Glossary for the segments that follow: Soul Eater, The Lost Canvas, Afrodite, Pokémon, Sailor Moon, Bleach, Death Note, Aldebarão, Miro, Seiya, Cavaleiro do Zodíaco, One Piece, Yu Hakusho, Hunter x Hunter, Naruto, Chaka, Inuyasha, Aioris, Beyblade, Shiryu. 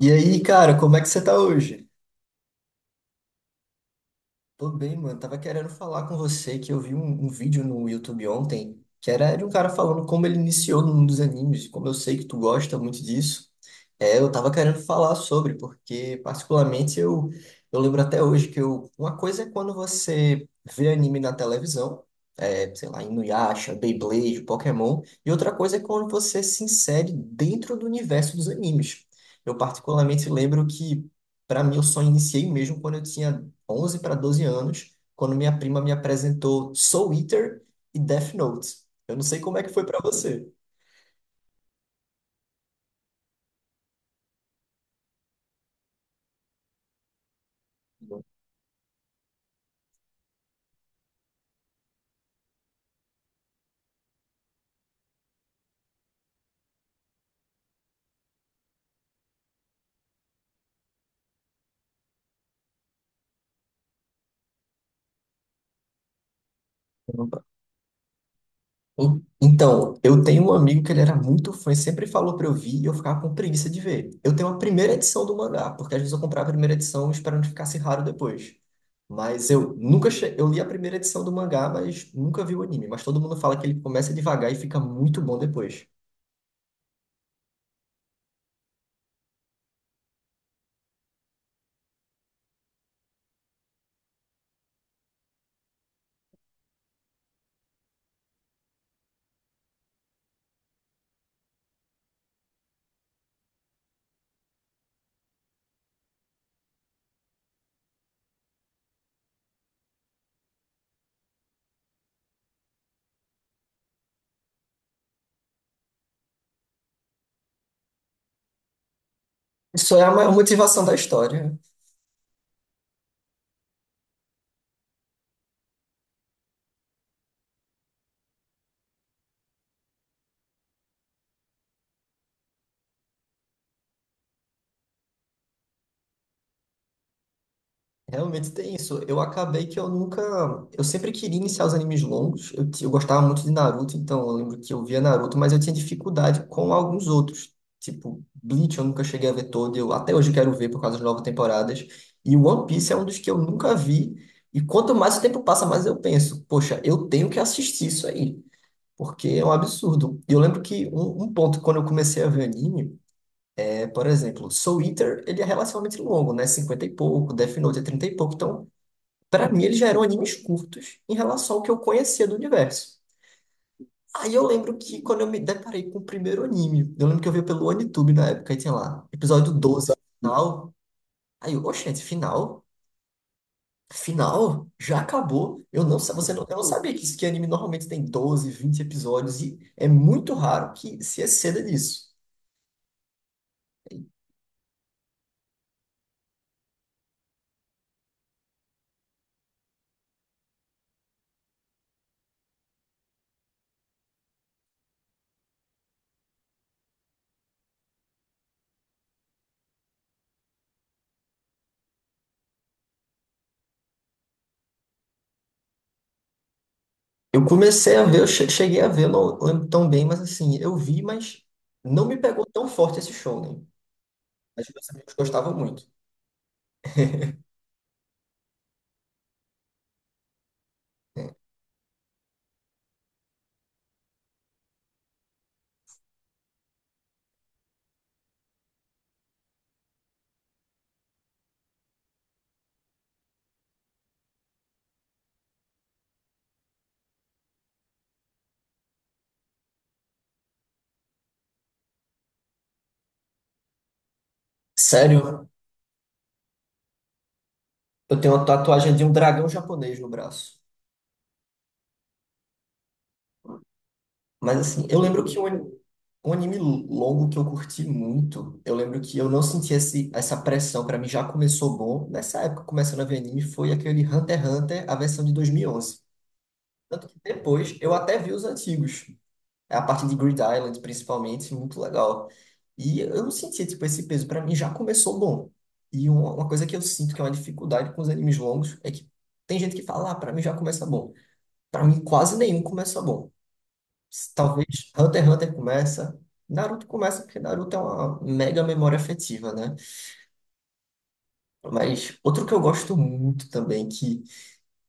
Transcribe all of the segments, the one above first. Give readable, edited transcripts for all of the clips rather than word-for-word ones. E aí, cara, como é que você tá hoje? Tô bem, mano. Tava querendo falar com você que eu vi um vídeo no YouTube ontem que era de um cara falando como ele iniciou no mundo dos animes. Como eu sei que tu gosta muito disso, eu tava querendo falar sobre, porque particularmente eu lembro até hoje que eu, uma coisa é quando você vê anime na televisão, sei lá, Inuyasha, Beyblade, Pokémon, e outra coisa é quando você se insere dentro do universo dos animes. Eu particularmente lembro que para mim, eu só iniciei mesmo quando eu tinha 11 para 12 anos, quando minha prima me apresentou Soul Eater e Death Note. Eu não sei como é que foi para você. Então, eu tenho um amigo que ele era muito fã e sempre falou para eu vir e eu ficava com preguiça de ver. Eu tenho a primeira edição do mangá, porque às vezes eu comprava a primeira edição esperando que ficasse raro depois. Mas eu nunca che... eu li a primeira edição do mangá, mas nunca vi o anime. Mas todo mundo fala que ele começa devagar e fica muito bom depois. Isso é a maior motivação da história. Realmente tem isso. Eu acabei que eu nunca. Eu sempre queria iniciar os animes longos. Eu gostava muito de Naruto, então eu lembro que eu via Naruto, mas eu tinha dificuldade com alguns outros. Tipo, Bleach eu nunca cheguei a ver todo. Eu, até hoje eu quero ver por causa das novas temporadas. E One Piece é um dos que eu nunca vi. E quanto mais o tempo passa, mais eu penso, poxa, eu tenho que assistir isso aí. Porque é um absurdo. E eu lembro que um ponto, quando eu comecei a ver anime, por exemplo, Soul Eater, ele é relativamente longo, né? 50 e pouco, Death Note é 30 e pouco. Então, pra mim, eles já eram animes curtos em relação ao que eu conhecia do universo. Aí eu lembro que quando eu me deparei com o primeiro anime, eu lembro que eu vi pelo OneTube na época, e tinha lá, episódio 12 final. Aí eu, oxente, final? Final? Já acabou? Eu não, sa- você não, eu não sabia que isso que anime normalmente tem 12, 20 episódios, e é muito raro que se exceda disso. Eu comecei a ver, cheguei a ver, eu não lembro tão bem, mas assim, eu vi, mas não me pegou tão forte esse show, né? Mas meus amigos gostavam muito. Sério? Eu tenho uma tatuagem de um dragão japonês no braço. Mas assim, eu lembro que um anime longo que eu curti muito, eu lembro que eu não senti essa pressão, pra mim já começou bom. Nessa época, começando a ver anime, foi aquele Hunter x Hunter, a versão de 2011. Tanto que depois eu até vi os antigos. É a parte de Grid Island principalmente, muito legal. E eu não sentia tipo, esse peso, pra mim já começou bom. E uma coisa que eu sinto que é uma dificuldade com os animes longos é que tem gente que fala, ah, pra mim já começa bom. Pra mim, quase nenhum começa bom. Talvez Hunter x Hunter começa. Naruto começa porque Naruto é uma mega memória afetiva, né? Mas outro que eu gosto muito também, que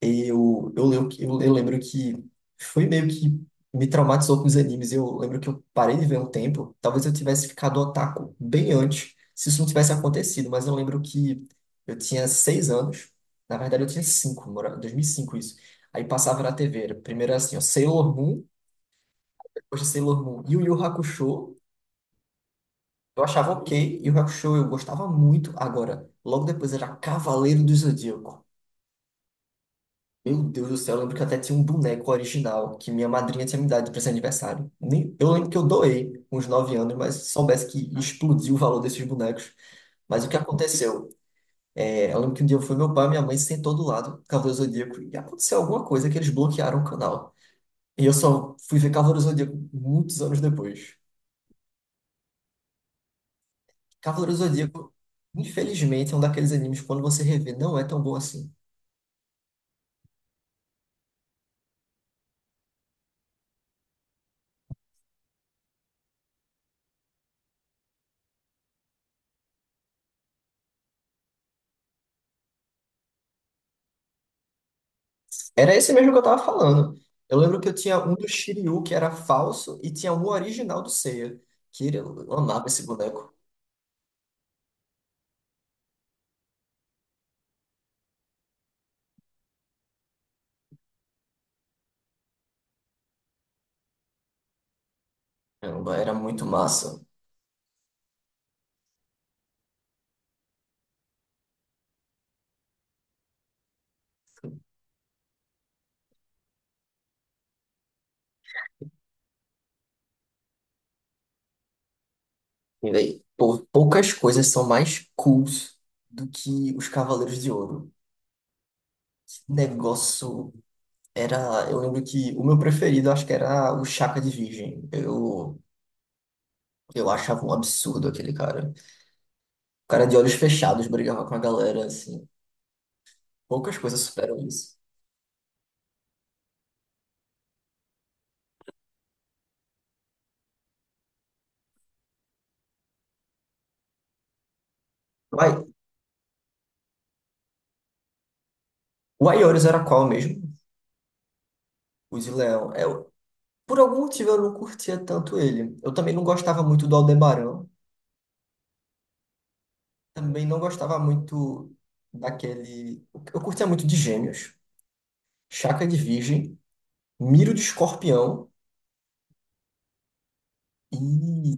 eu lembro que foi meio que me traumatizou com os animes. Eu lembro que eu parei de ver um tempo. Talvez eu tivesse ficado otaku bem antes, se isso não tivesse acontecido. Mas eu lembro que eu tinha 6 anos. Na verdade, eu tinha 5, 2005 isso. Aí passava na TV. Era primeiro assim, ó, Sailor Moon. Poxa, Sailor Moon. E o Yu Hakusho, eu achava ok. Yu Hakusho eu gostava muito. Agora, logo depois era Cavaleiro do Zodíaco. Meu Deus do céu, eu lembro que eu até tinha um boneco original que minha madrinha tinha me dado de presente de aniversário. Nem, eu lembro que eu doei com uns 9 anos, mas se soubesse que explodiu o valor desses bonecos. Mas o que aconteceu? É, eu lembro que um dia foi meu pai e minha mãe sentou do lado do Cavaleiro do Zodíaco e aconteceu alguma coisa que eles bloquearam o canal. E eu só fui ver Cavaleiro do Zodíaco muitos anos depois. Cavaleiro do Zodíaco, infelizmente, é um daqueles animes que quando você revê, não é tão bom assim. Era esse mesmo que eu tava falando. Eu lembro que eu tinha um do Shiryu que era falso e tinha um original do Seiya, que eu amava esse boneco. Caramba, era muito massa. E daí, pô, poucas coisas são mais cools do que os Cavaleiros de Ouro. Que negócio era, eu lembro que o meu preferido acho que era o Chaka de Virgem. Eu achava um absurdo aquele cara. O cara de olhos fechados brigava com a galera, assim. Poucas coisas superam isso. Mas o Aioris era qual mesmo? O de Leão. É, eu, por algum motivo eu não curtia tanto ele. Eu também não gostava muito do Aldebarão. Também não gostava muito daquele. Eu curtia muito de Gêmeos, Chaka de Virgem, Miro de Escorpião e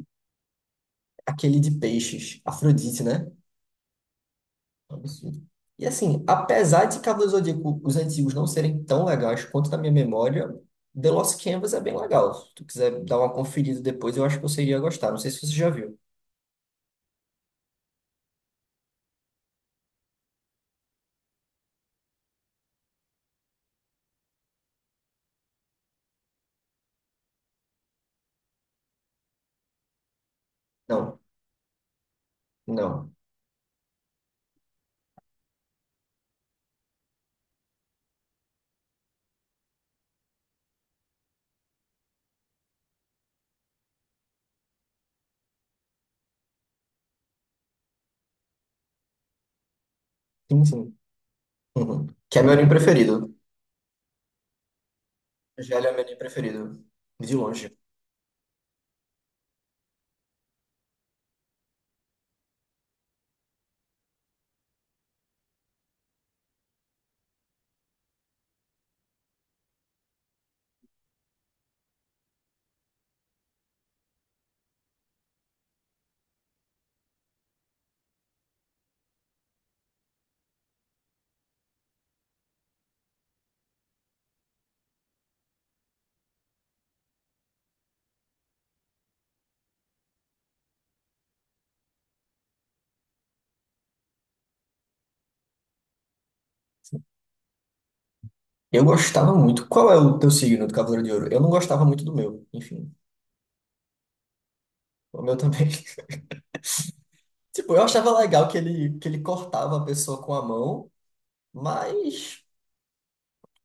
aquele de Peixes, Afrodite, né? Um absurdo. E assim, apesar de Cavaleiros do Zodíaco, os antigos não serem tão legais quanto na minha memória, The Lost Canvas é bem legal. Se tu quiser dar uma conferida depois, eu acho que você iria gostar. Não sei se você já viu. Não, não. Sim, sim. Uhum. Que é meu anime preferido. Já ele é meu anime preferido. De longe. Eu gostava muito. Qual é o teu signo do Cavaleiro de Ouro? Eu não gostava muito do meu. Enfim, o meu também. Tipo, eu achava legal que ele cortava a pessoa com a mão, mas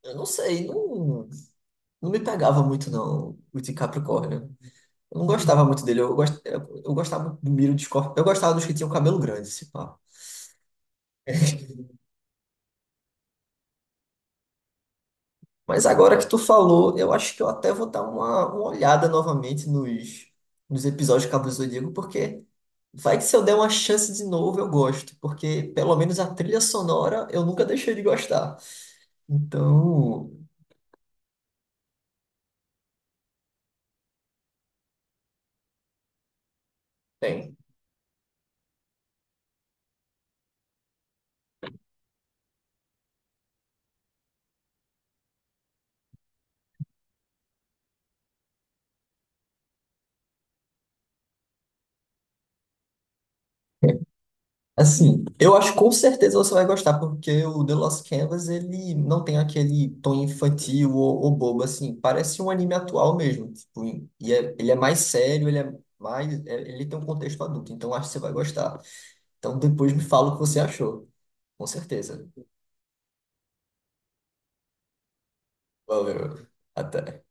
eu não sei, não. Não me pegava muito, não, o de Capricórnio. Eu não gostava muito dele. Eu gostava do Miro de Escorpião. Eu gostava dos que tinham cabelo grande, se pá. Mas agora que tu falou, eu acho que eu até vou dar uma olhada novamente nos episódios de Cabo do Zodíaco, porque vai que se eu der uma chance de novo, eu gosto. Porque pelo menos a trilha sonora eu nunca deixei de gostar. Então, bem. Assim, eu acho que com certeza você vai gostar, porque o The Lost Canvas, ele não tem aquele tom infantil ou bobo, assim, parece um anime atual mesmo, tipo, ele é mais sério, ele é mais, é- ele tem um contexto adulto, então acho que você vai gostar. Então depois me fala o que você achou, com certeza. Valeu, até.